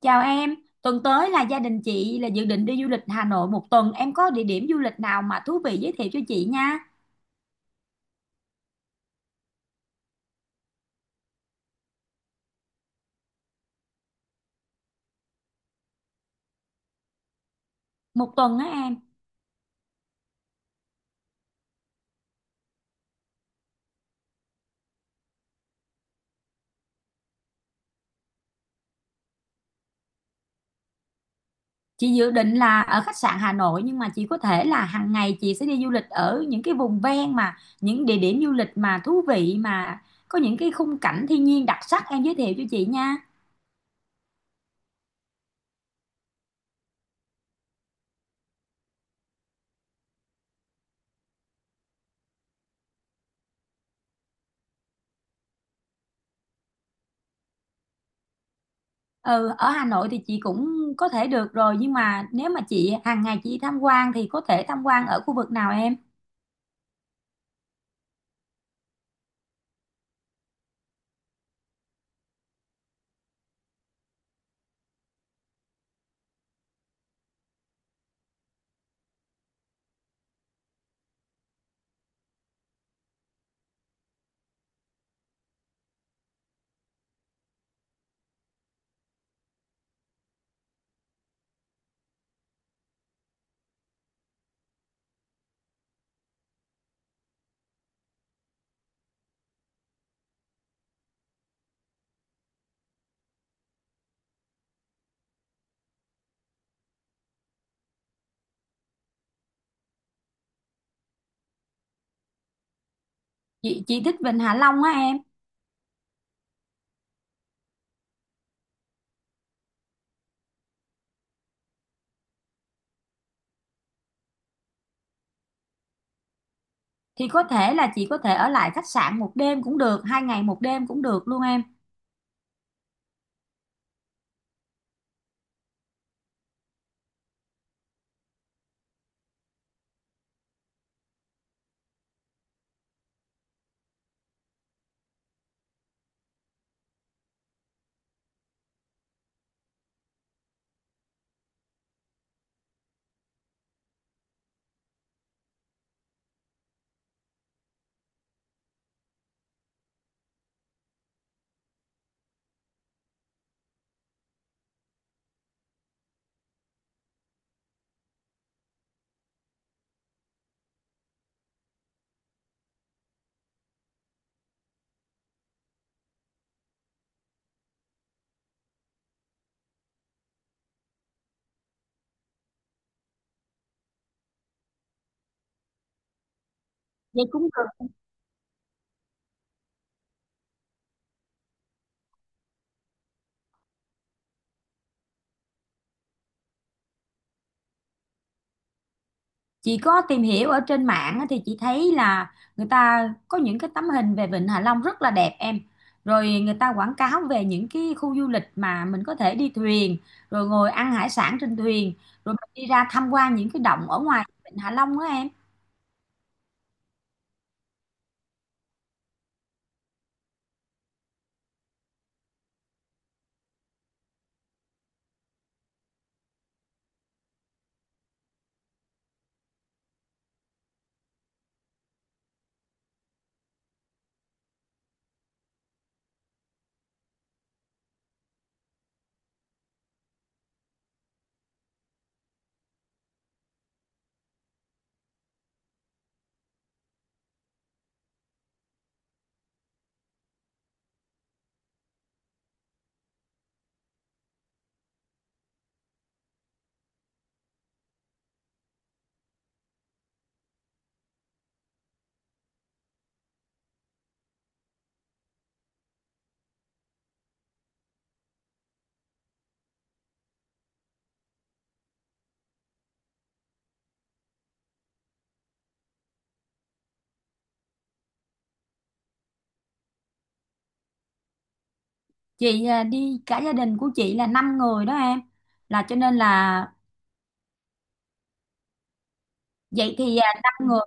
Chào em, tuần tới là gia đình chị là dự định đi du lịch Hà Nội một tuần. Em có địa điểm du lịch nào mà thú vị giới thiệu cho chị nha. Một tuần á em. Chị dự định là ở khách sạn Hà Nội, nhưng mà chị có thể là hàng ngày chị sẽ đi du lịch ở những cái vùng ven mà những địa điểm du lịch mà thú vị, mà có những cái khung cảnh thiên nhiên đặc sắc em giới thiệu cho chị nha. Ừ, ở Hà Nội thì chị cũng có thể được rồi, nhưng mà nếu mà chị hàng ngày chị tham quan thì có thể tham quan ở khu vực nào em? Chị thích Vịnh Hạ Long á em. Thì có thể là chị có thể ở lại khách sạn một đêm cũng được, hai ngày một đêm cũng được luôn em. Vậy cũng được. Chị có tìm hiểu ở trên mạng á, thì chị thấy là người ta có những cái tấm hình về Vịnh Hạ Long rất là đẹp em, rồi người ta quảng cáo về những cái khu du lịch mà mình có thể đi thuyền, rồi ngồi ăn hải sản trên thuyền, rồi mình đi ra tham quan những cái động ở ngoài Vịnh Hạ Long đó em. Chị à, đi cả gia đình của chị là 5 người đó em, là cho nên là vậy thì à, 5 người.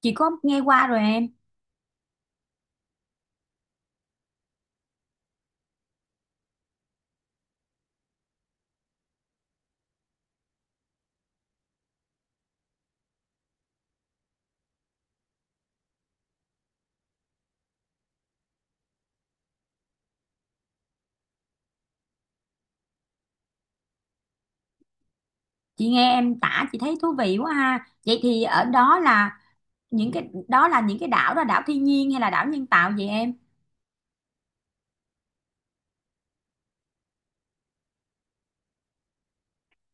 Chị có nghe qua rồi em. Chị nghe em tả chị thấy thú vị quá ha. Vậy thì ở đó là những cái đó là những cái đảo, đó là đảo thiên nhiên hay là đảo nhân tạo vậy em?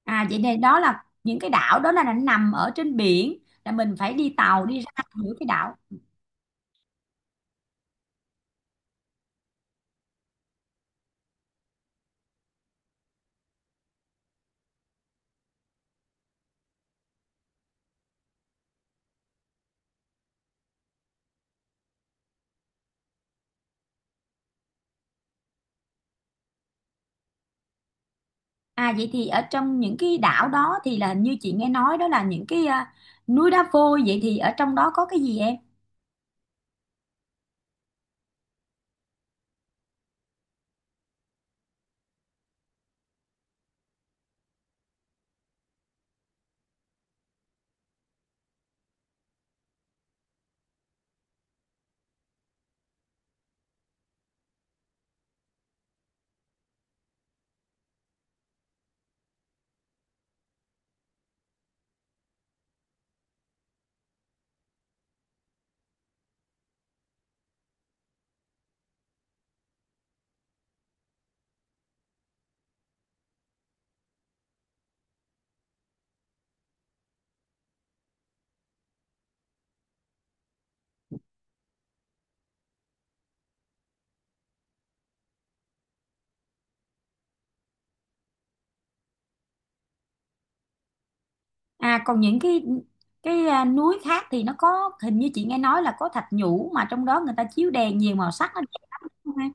À vậy thì đó là những cái đảo đó là nó nằm ở trên biển, là mình phải đi tàu đi ra giữa cái đảo. À vậy thì ở trong những cái đảo đó thì là hình như chị nghe nói đó là những cái núi đá vôi, vậy thì ở trong đó có cái gì em? À còn những cái núi khác thì nó có hình như chị nghe nói là có thạch nhũ mà trong đó người ta chiếu đèn nhiều màu sắc nó đẹp lắm.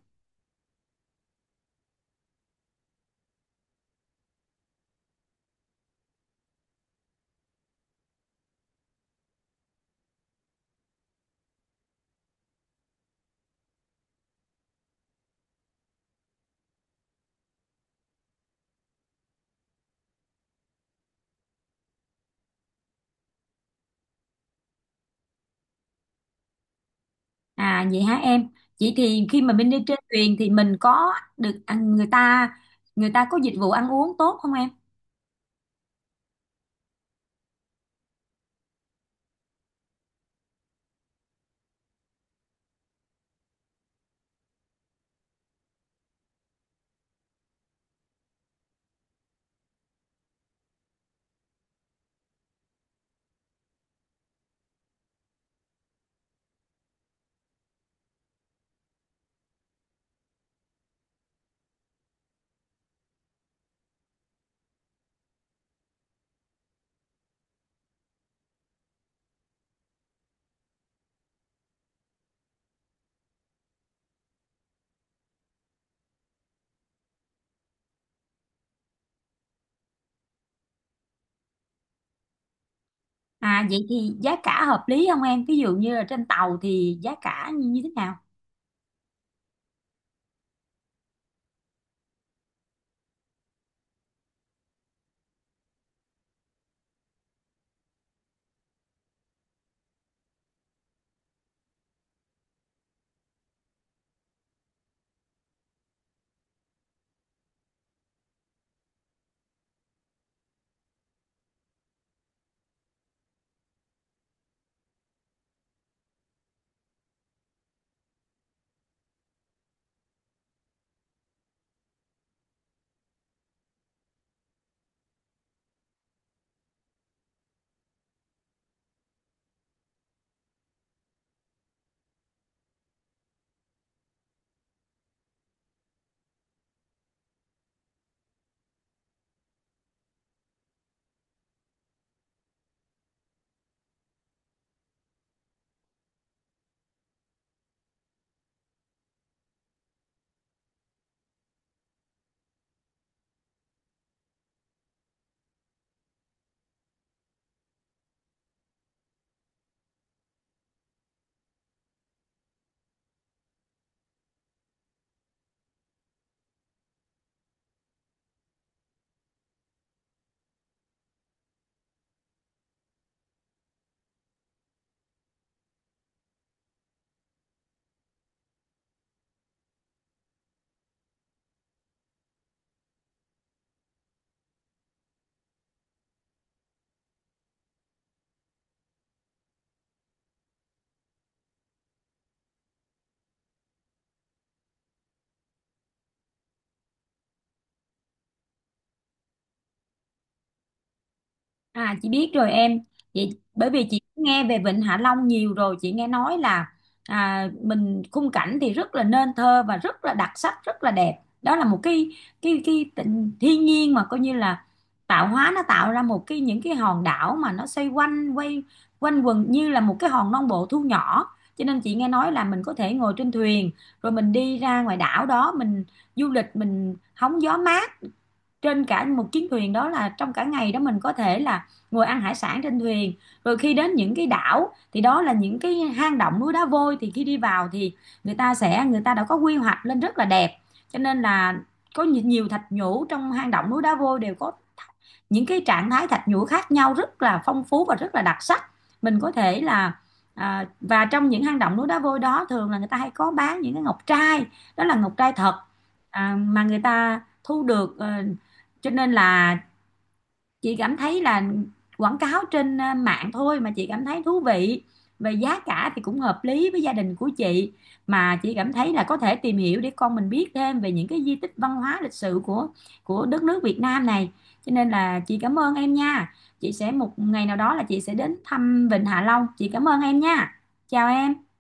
À vậy hả em? Vậy thì khi mà mình đi trên thuyền thì mình có được người ta có dịch vụ ăn uống tốt không em? À vậy thì giá cả hợp lý không em? Ví dụ như là trên tàu thì giá cả như như thế nào? À chị biết rồi em, chị bởi vì chị nghe về Vịnh Hạ Long nhiều rồi, chị nghe nói là mình khung cảnh thì rất là nên thơ và rất là đặc sắc rất là đẹp. Đó là một cái thiên nhiên mà coi như là tạo hóa nó tạo ra một cái những cái hòn đảo mà nó xoay quanh quay quanh quần như là một cái hòn non bộ thu nhỏ. Cho nên chị nghe nói là mình có thể ngồi trên thuyền, rồi mình đi ra ngoài đảo đó mình du lịch, mình hóng gió mát trên cả một chuyến thuyền đó, là trong cả ngày đó mình có thể là ngồi ăn hải sản trên thuyền, rồi khi đến những cái đảo thì đó là những cái hang động núi đá vôi, thì khi đi vào thì người ta đã có quy hoạch lên rất là đẹp. Cho nên là có nhiều thạch nhũ trong hang động núi đá vôi đều có những cái trạng thái thạch nhũ khác nhau rất là phong phú và rất là đặc sắc. Mình có thể là và trong những hang động núi đá vôi đó thường là người ta hay có bán những cái ngọc trai, đó là ngọc trai thật mà người ta thu được ờ, cho nên là chị cảm thấy là quảng cáo trên mạng thôi mà chị cảm thấy thú vị, về giá cả thì cũng hợp lý với gia đình của chị. Mà chị cảm thấy là có thể tìm hiểu để con mình biết thêm về những cái di tích văn hóa lịch sử của đất nước Việt Nam này. Cho nên là chị cảm ơn em nha. Chị sẽ một ngày nào đó là chị sẽ đến thăm Vịnh Hạ Long. Chị cảm ơn em nha. Chào em.